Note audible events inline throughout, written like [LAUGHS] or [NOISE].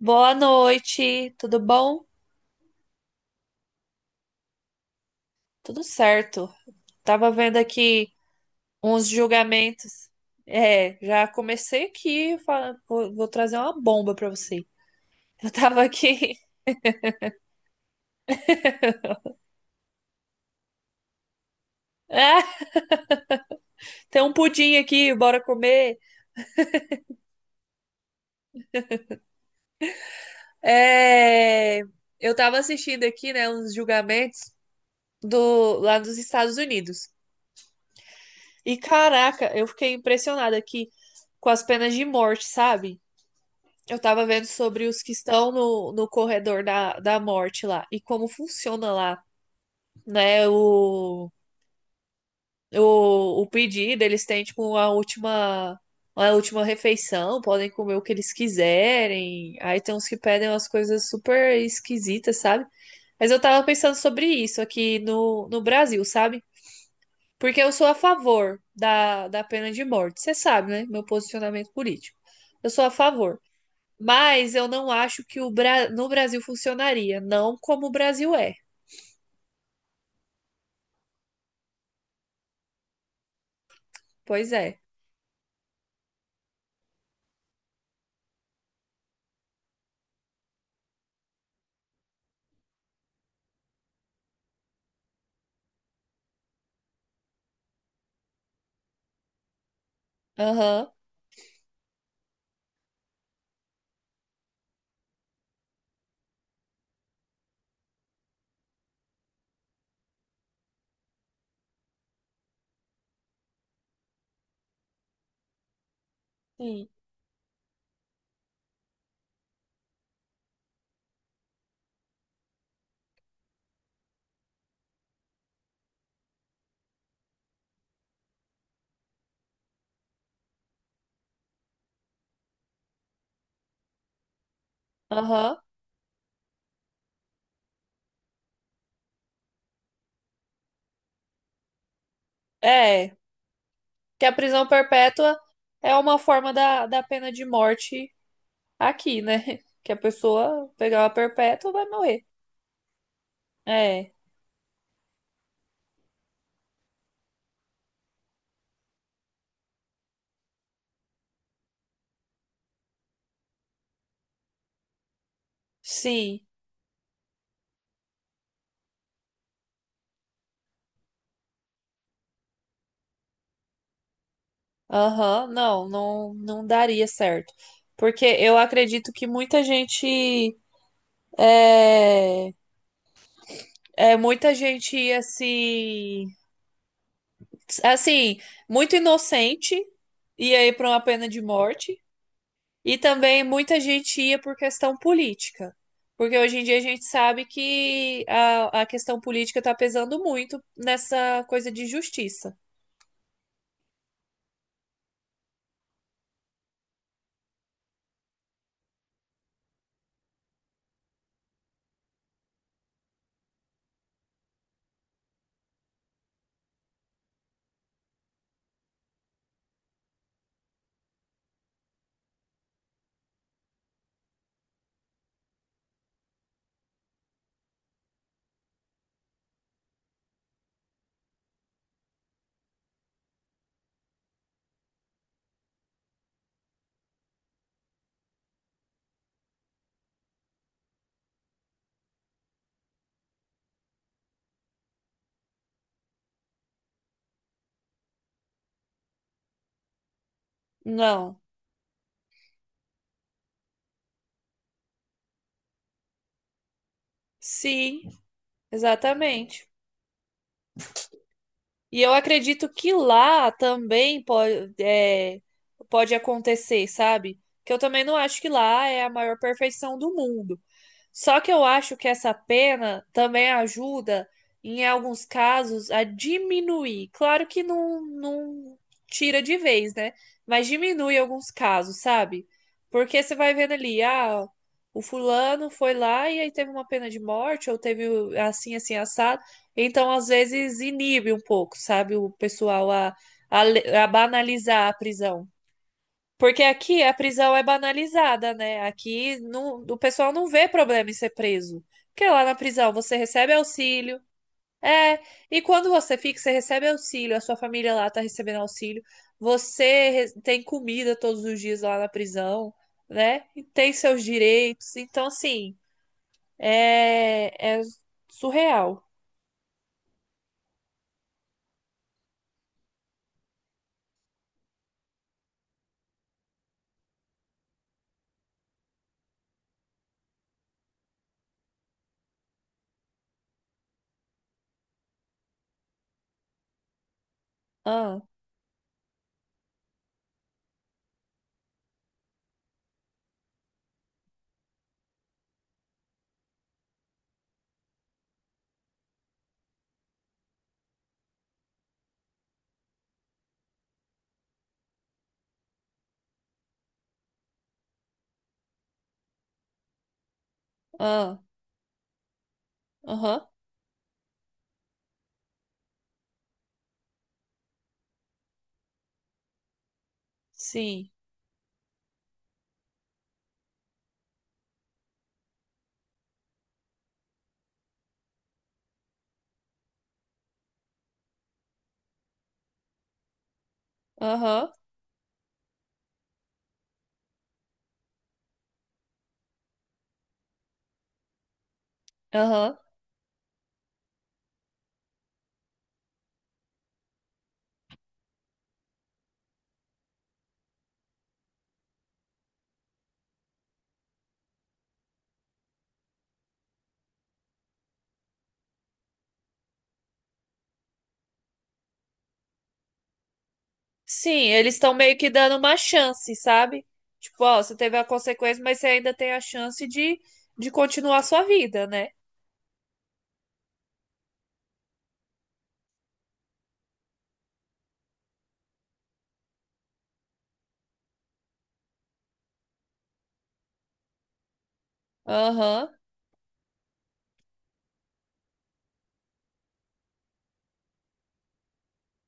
Boa noite, tudo bom? Tudo certo. Tava vendo aqui uns julgamentos. Já comecei aqui, vou trazer uma bomba pra você. Eu tava aqui. [LAUGHS] Ah, tem um pudim aqui, bora comer. É, eu tava assistindo aqui, né, uns julgamentos do lá dos Estados Unidos. E caraca, eu fiquei impressionada aqui com as penas de morte, sabe? Eu tava vendo sobre os que estão no corredor da morte lá e como funciona lá, né? O pedido, eles têm tipo uma última refeição, podem comer o que eles quiserem. Aí tem uns que pedem umas coisas super esquisitas, sabe? Mas eu tava pensando sobre isso aqui no Brasil, sabe? Porque eu sou a favor da pena de morte, você sabe, né? Meu posicionamento político. Eu sou a favor. Mas eu não acho que o no Brasil funcionaria. Não como o Brasil é. Pois é. Aham. Sim. Aham. É. Que a prisão perpétua é uma forma da pena de morte aqui, né? [LAUGHS] Que a pessoa pegar uma perpétua vai morrer. É. Sim. Aham. Não, não, não daria certo. Porque eu acredito que muita gente. É, muita gente ia se assim, muito inocente, ia ir para uma pena de morte, e também muita gente ia por questão política. Porque hoje em dia a gente sabe que a questão política está pesando muito nessa coisa de justiça. Não. Sim, exatamente. E eu acredito que lá também pode, é, pode acontecer, sabe? Que eu também não acho que lá é a maior perfeição do mundo. Só que eu acho que essa pena também ajuda, em alguns casos, a diminuir. Claro que não, não tira de vez, né? Mas diminui alguns casos, sabe? Porque você vai vendo ali, ah, o fulano foi lá e aí teve uma pena de morte, ou teve assim, assim, assado. Então, às vezes, inibe um pouco, sabe? O pessoal a, a banalizar a prisão. Porque aqui a prisão é banalizada, né? Aqui não, o pessoal não vê problema em ser preso. Porque lá na prisão você recebe auxílio. É, e quando você fica, você recebe auxílio, a sua família lá tá recebendo auxílio. Tem comida todos os dias lá na prisão, né? E tem seus direitos. Então, assim, é surreal. Ah, ah, aham, sim, aham, aham. Sim, eles estão meio que dando uma chance, sabe? Tipo, ó, você teve a consequência, mas você ainda tem a chance de continuar a sua vida, né? Aham,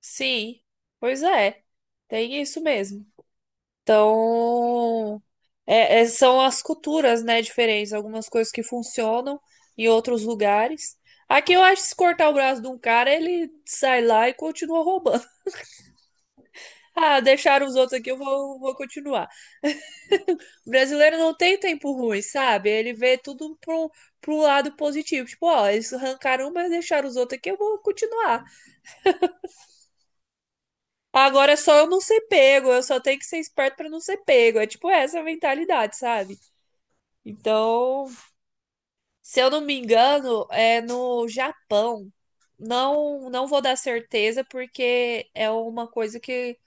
sim. Pois é, tem isso mesmo. Então, são as culturas, né, diferentes. Algumas coisas que funcionam em outros lugares. Aqui eu acho que se cortar o braço de um cara, ele sai lá e continua roubando. [LAUGHS] Ah, deixaram os outros aqui, eu vou, vou continuar. O brasileiro não tem tempo ruim, sabe? Ele vê tudo pro, pro lado positivo. Tipo, ó, eles arrancaram um, mas deixaram os outros aqui, eu vou continuar. Agora é só eu não ser pego, eu só tenho que ser esperto pra não ser pego. É tipo essa a mentalidade, sabe? Então, se eu não me engano, é no Japão. Não, não vou dar certeza, porque é uma coisa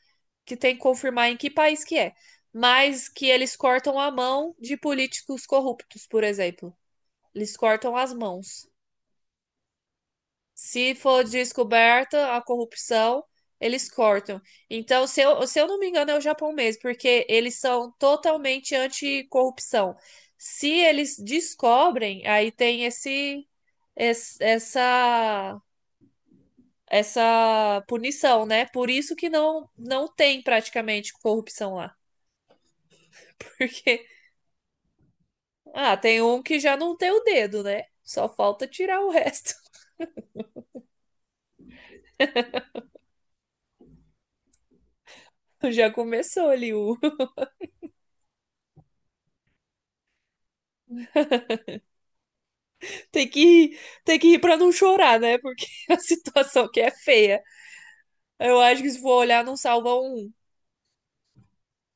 que tem que confirmar em que país que é. Mas que eles cortam a mão de políticos corruptos, por exemplo. Eles cortam as mãos. Se for descoberta a corrupção, eles cortam. Então, se eu não me engano, é o Japão mesmo, porque eles são totalmente anticorrupção. Se eles descobrem, aí tem essa essa punição, né? Por isso que não tem praticamente corrupção lá, [LAUGHS] porque ah, tem um que já não tem o dedo, né? Só falta tirar o resto. [LAUGHS] Já começou ali o tem que rir, tem que rir pra não chorar, né? Porque [LAUGHS] a situação que é feia. Eu acho que se for olhar, não salva um.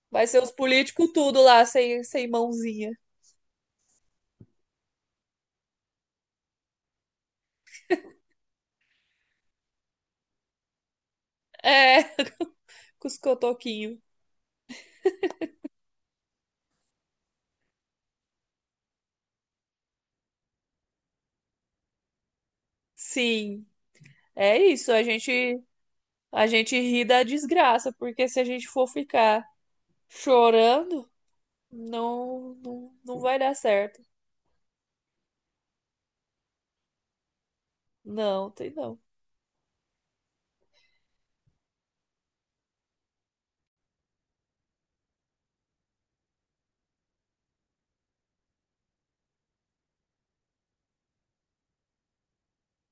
Vai ser os políticos tudo lá, sem, sem mãozinha. É, [LAUGHS] com os cotoquinhos. Sim, é isso. A gente ri da desgraça, porque se a gente for ficar chorando, não, não, não vai dar certo. Não, tem não.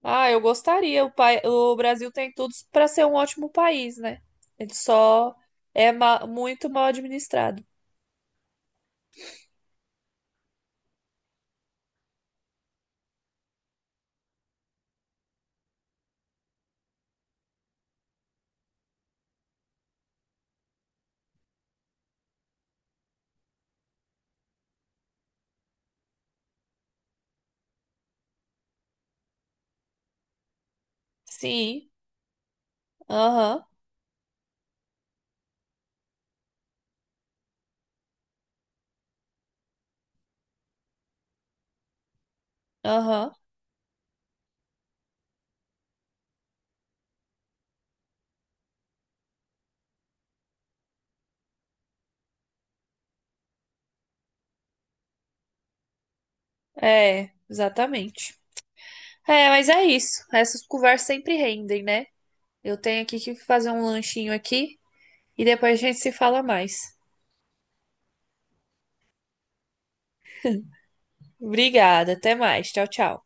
Ah, eu gostaria. O, pai, o Brasil tem tudo pra ser um ótimo país, né? Ele só é muito mal administrado. Sim, aham, aham. É, exatamente. É, mas é isso. Essas conversas sempre rendem, né? Eu tenho aqui que fazer um lanchinho aqui e depois a gente se fala mais. Obrigada, até mais. Tchau, tchau.